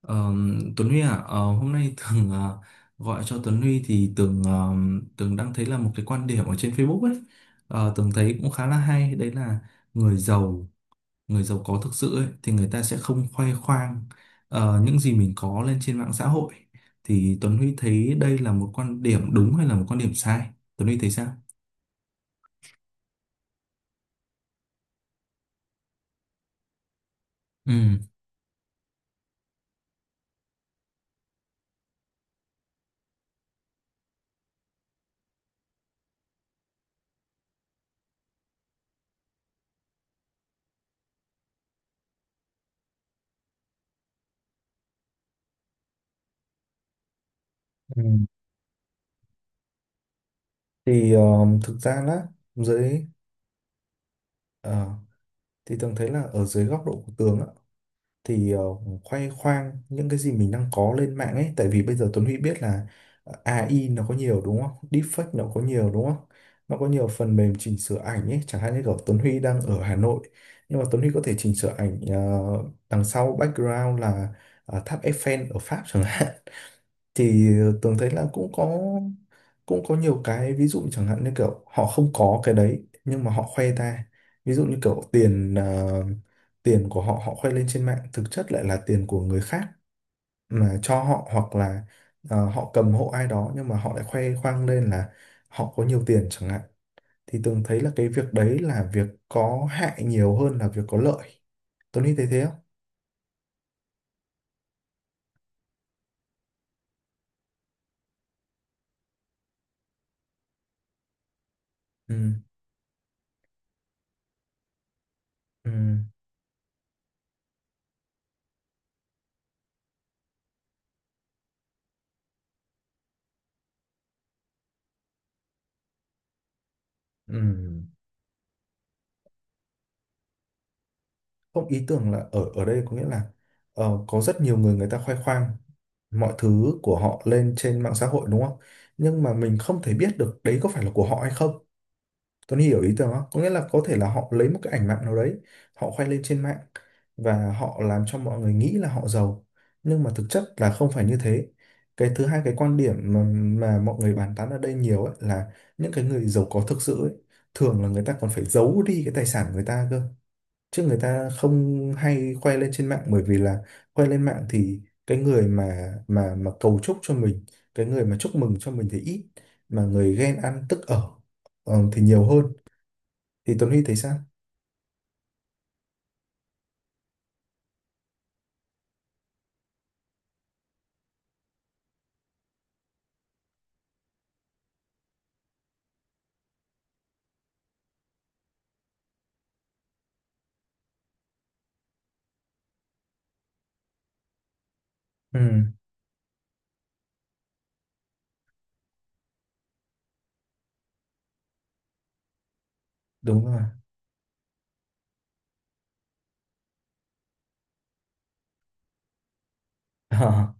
Ờ, Tuấn Huy à, hôm nay Tường gọi cho Tuấn Huy thì Tường đang thấy là một cái quan điểm ở trên Facebook ấy. Tường thấy cũng khá là hay, đấy là người giàu, người giàu có thực sự ấy, thì người ta sẽ không khoe khoang những gì mình có lên trên mạng xã hội. Thì Tuấn Huy thấy đây là một quan điểm đúng hay là một quan điểm sai? Tuấn Huy thấy sao? Ừ. Ừ. Thì thực ra là dưới ờ, thì Tường thấy là ở dưới góc độ của Tường á, thì khoe khoang những cái gì mình đang có lên mạng ấy, tại vì bây giờ Tuấn Huy biết là AI nó có nhiều đúng không, deepfake nó có nhiều đúng không, nó có nhiều phần mềm chỉnh sửa ảnh ấy, chẳng hạn như kiểu Tuấn Huy đang ở Hà Nội nhưng mà Tuấn Huy có thể chỉnh sửa ảnh, đằng sau background là tháp Eiffel ở Pháp chẳng hạn. Thì Tường thấy là cũng có, nhiều cái ví dụ chẳng hạn như kiểu họ không có cái đấy nhưng mà họ khoe ra, ví dụ như kiểu tiền, tiền của họ họ khoe lên trên mạng thực chất lại là tiền của người khác mà cho họ, hoặc là họ cầm hộ ai đó nhưng mà họ lại khoe khoang lên là họ có nhiều tiền chẳng hạn. Thì Tường thấy là cái việc đấy là việc có hại nhiều hơn là việc có lợi. Tony thấy thế không? Ừ. Ừ. Ừ. Không, ý tưởng là ở ở đây có nghĩa là, có rất nhiều người người ta khoe khoang mọi thứ của họ lên trên mạng xã hội, đúng không, nhưng mà mình không thể biết được đấy có phải là của họ hay không. Tuấn hiểu ý tưởng không, có nghĩa là có thể là họ lấy một cái ảnh mạng nào đấy họ khoe lên trên mạng và họ làm cho mọi người nghĩ là họ giàu nhưng mà thực chất là không phải như thế. Cái thứ hai, cái quan điểm mà mọi người bàn tán ở đây nhiều ấy, là những cái người giàu có thực sự ấy, thường là người ta còn phải giấu đi cái tài sản của người ta cơ, chứ người ta không hay khoe lên trên mạng, bởi vì là khoe lên mạng thì cái người mà cầu chúc cho mình, cái người mà chúc mừng cho mình thì ít, mà người ghen ăn tức ở thì nhiều hơn. Thì Tuấn Huy thấy sao? Ừ, đúng rồi. Ờ,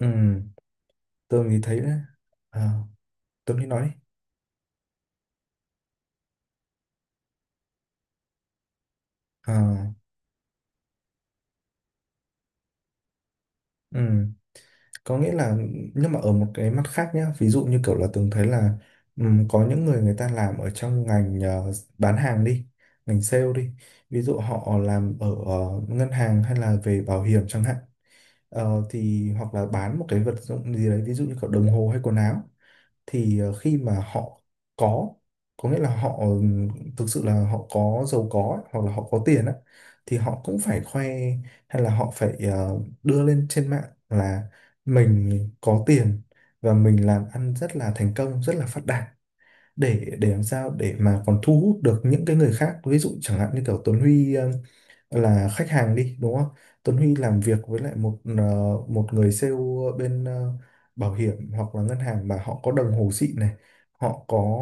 ừ, tôi mới thấy đấy. Ờ, Tuấn Huy nói đi. Ờ. Ừ. Có nghĩa là, nhưng mà ở một cái mặt khác nhá, ví dụ như kiểu là Tường thấy là có những người người ta làm ở trong ngành, bán hàng đi, ngành sale đi, ví dụ họ làm ở ngân hàng hay là về bảo hiểm chẳng hạn. Thì hoặc là bán một cái vật dụng gì đấy ví dụ như kiểu đồng hồ hay quần áo, thì khi mà họ có có nghĩa là họ thực sự là họ có giàu có ấy, hoặc là họ có tiền á, thì họ cũng phải khoe, hay là họ phải đưa lên trên mạng là mình có tiền và mình làm ăn rất là thành công, rất là phát đạt, để làm sao để mà còn thu hút được những cái người khác. Ví dụ chẳng hạn như kiểu Tuấn Huy là khách hàng đi, đúng không? Tuấn Huy làm việc với lại một, một người sale bên, bảo hiểm hoặc là ngân hàng, mà họ có đồng hồ xịn này, họ có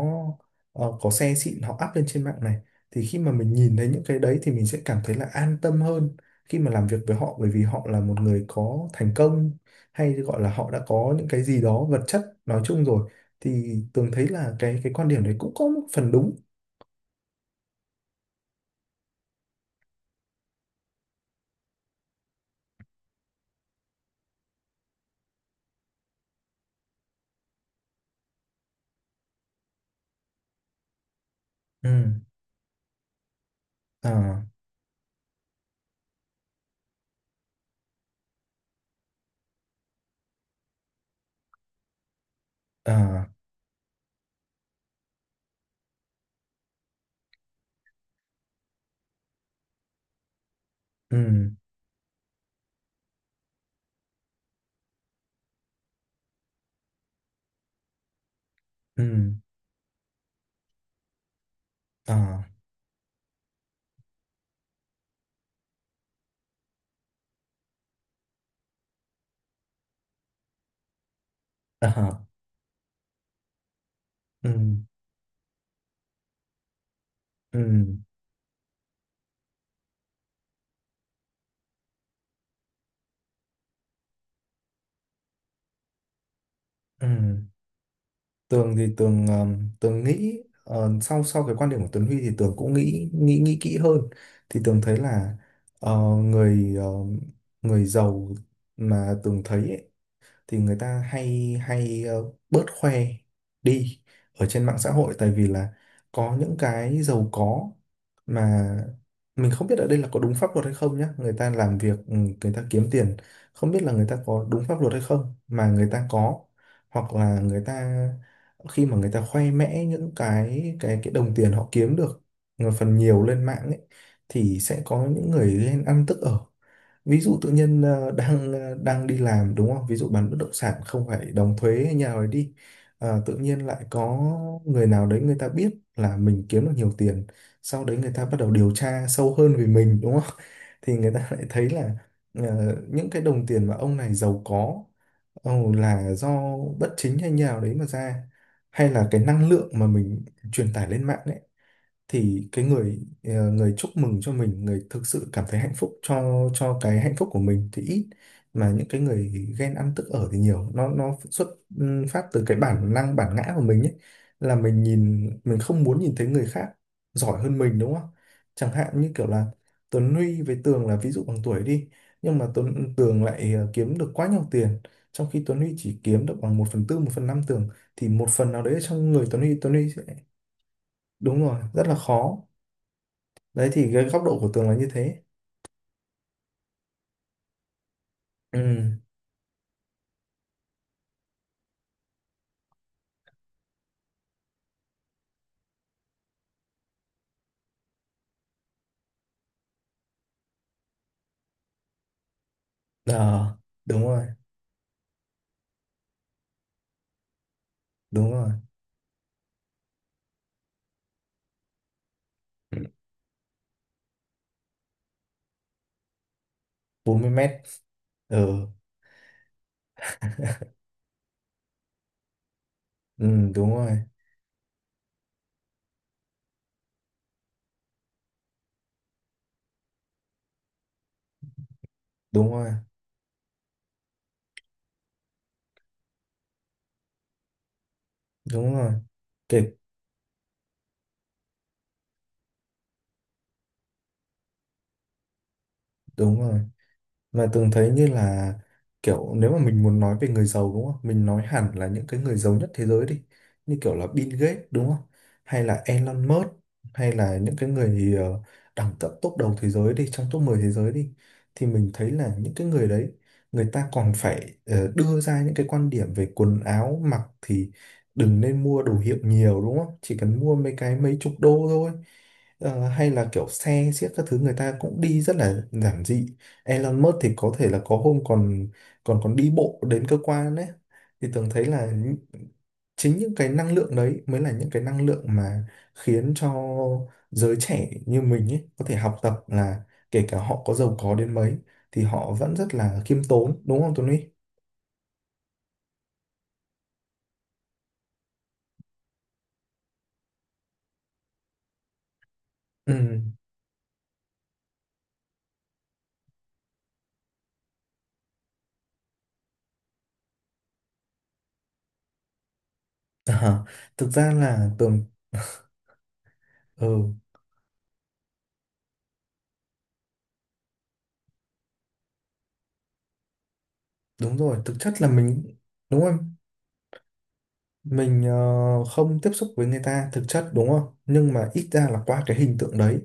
ờ, có xe xịn họ up lên trên mạng này, thì khi mà mình nhìn thấy những cái đấy thì mình sẽ cảm thấy là an tâm hơn khi mà làm việc với họ, bởi vì họ là một người có thành công, hay gọi là họ đã có những cái gì đó vật chất nói chung rồi. Thì Tường thấy là cái quan điểm đấy cũng có một phần đúng. Ừ. À. À. Ừ. Ừ. À. À, ừ, ừ, ừ. Tường thì Tường Tường nghĩ, sau sau cái quan điểm của Tuấn Huy thì Tường cũng nghĩ nghĩ nghĩ kỹ hơn. Thì Tường thấy là, ờ, người ờ, người giàu mà Tường thấy ấy, thì người ta hay hay, bớt khoe đi ở trên mạng xã hội, tại vì là có những cái giàu có mà mình không biết ở đây là có đúng pháp luật hay không nhá. Người ta làm việc, người ta kiếm tiền, không biết là người ta có đúng pháp luật hay không, mà người ta có, hoặc là người ta khi mà người ta khoe mẽ những cái đồng tiền họ kiếm được một phần nhiều lên mạng ấy, thì sẽ có những người ghen ăn tức ở. Ví dụ tự nhiên đang, ờ, đang đi làm đúng không, ví dụ bán bất động sản không phải đóng thuế hay nhà rồi đi. Tự nhiên lại có người nào đấy người ta biết là mình kiếm được nhiều tiền, sau đấy người ta bắt đầu điều tra sâu hơn về mình đúng không, thì người ta lại thấy là những cái đồng tiền mà ông này giàu có, là do bất chính hay nhà nào đấy mà ra, hay là cái năng lượng mà mình truyền tải lên mạng ấy, thì cái người, người chúc mừng cho mình, người thực sự cảm thấy hạnh phúc cho cái hạnh phúc của mình thì ít, mà những cái người ghen ăn tức ở thì nhiều. Nó xuất, phát từ cái bản năng bản ngã của mình ấy, là mình nhìn, mình không muốn nhìn thấy người khác giỏi hơn mình đúng không. Chẳng hạn như kiểu là Tuấn Huy với Tường là ví dụ bằng tuổi đi, nhưng mà Tuấn Tường lại kiếm được quá nhiều tiền, trong khi Tuấn Huy chỉ kiếm được bằng một phần tư, một phần năm Tường, thì một phần nào đấy ở trong người Tuấn Huy, Tuấn Huy sẽ, đúng rồi, rất là khó. Đấy thì cái góc độ của tường là như thế. Ừ. Ờ, đúng rồi. Đúng rồi. Ừ, 40 mét. Ừ, ừ, đúng rồi. Đúng rồi. Đúng rồi. Kịp. Đúng rồi. Mà Tường thấy như là kiểu nếu mà mình muốn nói về người giàu đúng không? Mình nói hẳn là những cái người giàu nhất thế giới đi. Như kiểu là Bill Gates đúng không? Hay là Elon Musk, hay là những cái người, đẳng cấp top đầu thế giới đi, trong top 10 thế giới đi. Thì mình thấy là những cái người đấy người ta còn phải đưa ra những cái quan điểm về quần áo mặc thì đừng nên mua đồ hiệu nhiều đúng không? Chỉ cần mua mấy cái mấy chục đô thôi. Hay là kiểu xe xiếc các thứ người ta cũng đi rất là giản dị. Elon Musk thì có thể là có hôm còn còn còn đi bộ đến cơ quan đấy. Thì tưởng thấy là chính những cái năng lượng đấy mới là những cái năng lượng mà khiến cho giới trẻ như mình ấy có thể học tập, là kể cả họ có giàu có đến mấy thì họ vẫn rất là khiêm tốn, đúng không Tuấn Huy? Ừ. À, thực ra là tưởng, ừ, đúng rồi, thực chất là mình, đúng không, mình không tiếp xúc với người ta thực chất đúng không, nhưng mà ít ra là qua cái hình tượng đấy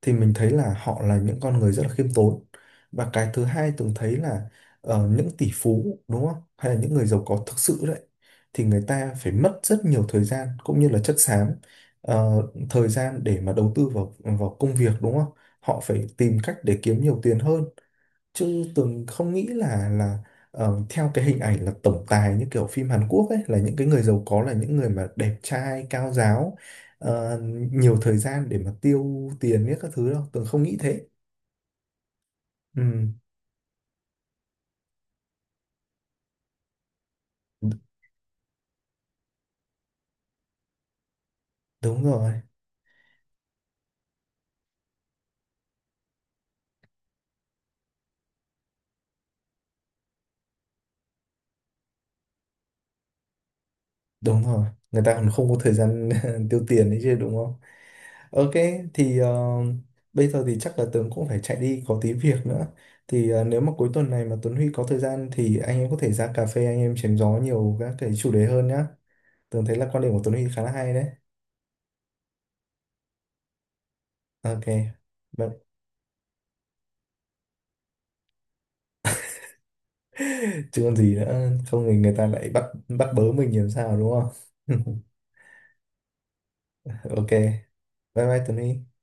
thì mình thấy là họ là những con người rất là khiêm tốn. Và cái thứ hai từng thấy là những tỷ phú đúng không, hay là những người giàu có thực sự đấy, thì người ta phải mất rất nhiều thời gian cũng như là chất xám, ờ, thời gian để mà đầu tư vào vào công việc đúng không, họ phải tìm cách để kiếm nhiều tiền hơn. Chứ Tường không nghĩ là theo cái hình ảnh là tổng tài như kiểu phim Hàn Quốc ấy, là những cái người giàu có là những người mà đẹp trai cao ráo, ờ, nhiều thời gian để mà tiêu tiền biết các thứ đâu, Tường không nghĩ thế. Ừ, đ- đúng rồi. Đúng rồi, người ta còn không có thời gian tiêu tiền đấy chứ đúng không. Ok, thì bây giờ thì chắc là Tường cũng phải chạy đi có tí việc nữa, thì nếu mà cuối tuần này mà Tuấn Huy có thời gian thì anh em có thể ra cà phê anh em chém gió nhiều các cái chủ đề hơn nhá. Tường thấy là quan điểm của Tuấn Huy khá là hay đấy. Ok. Vâng. Chứ còn gì nữa, không thì người ta lại bắt bắt bớ mình làm sao đúng không? Ok. Bye bye Tuấn Huy.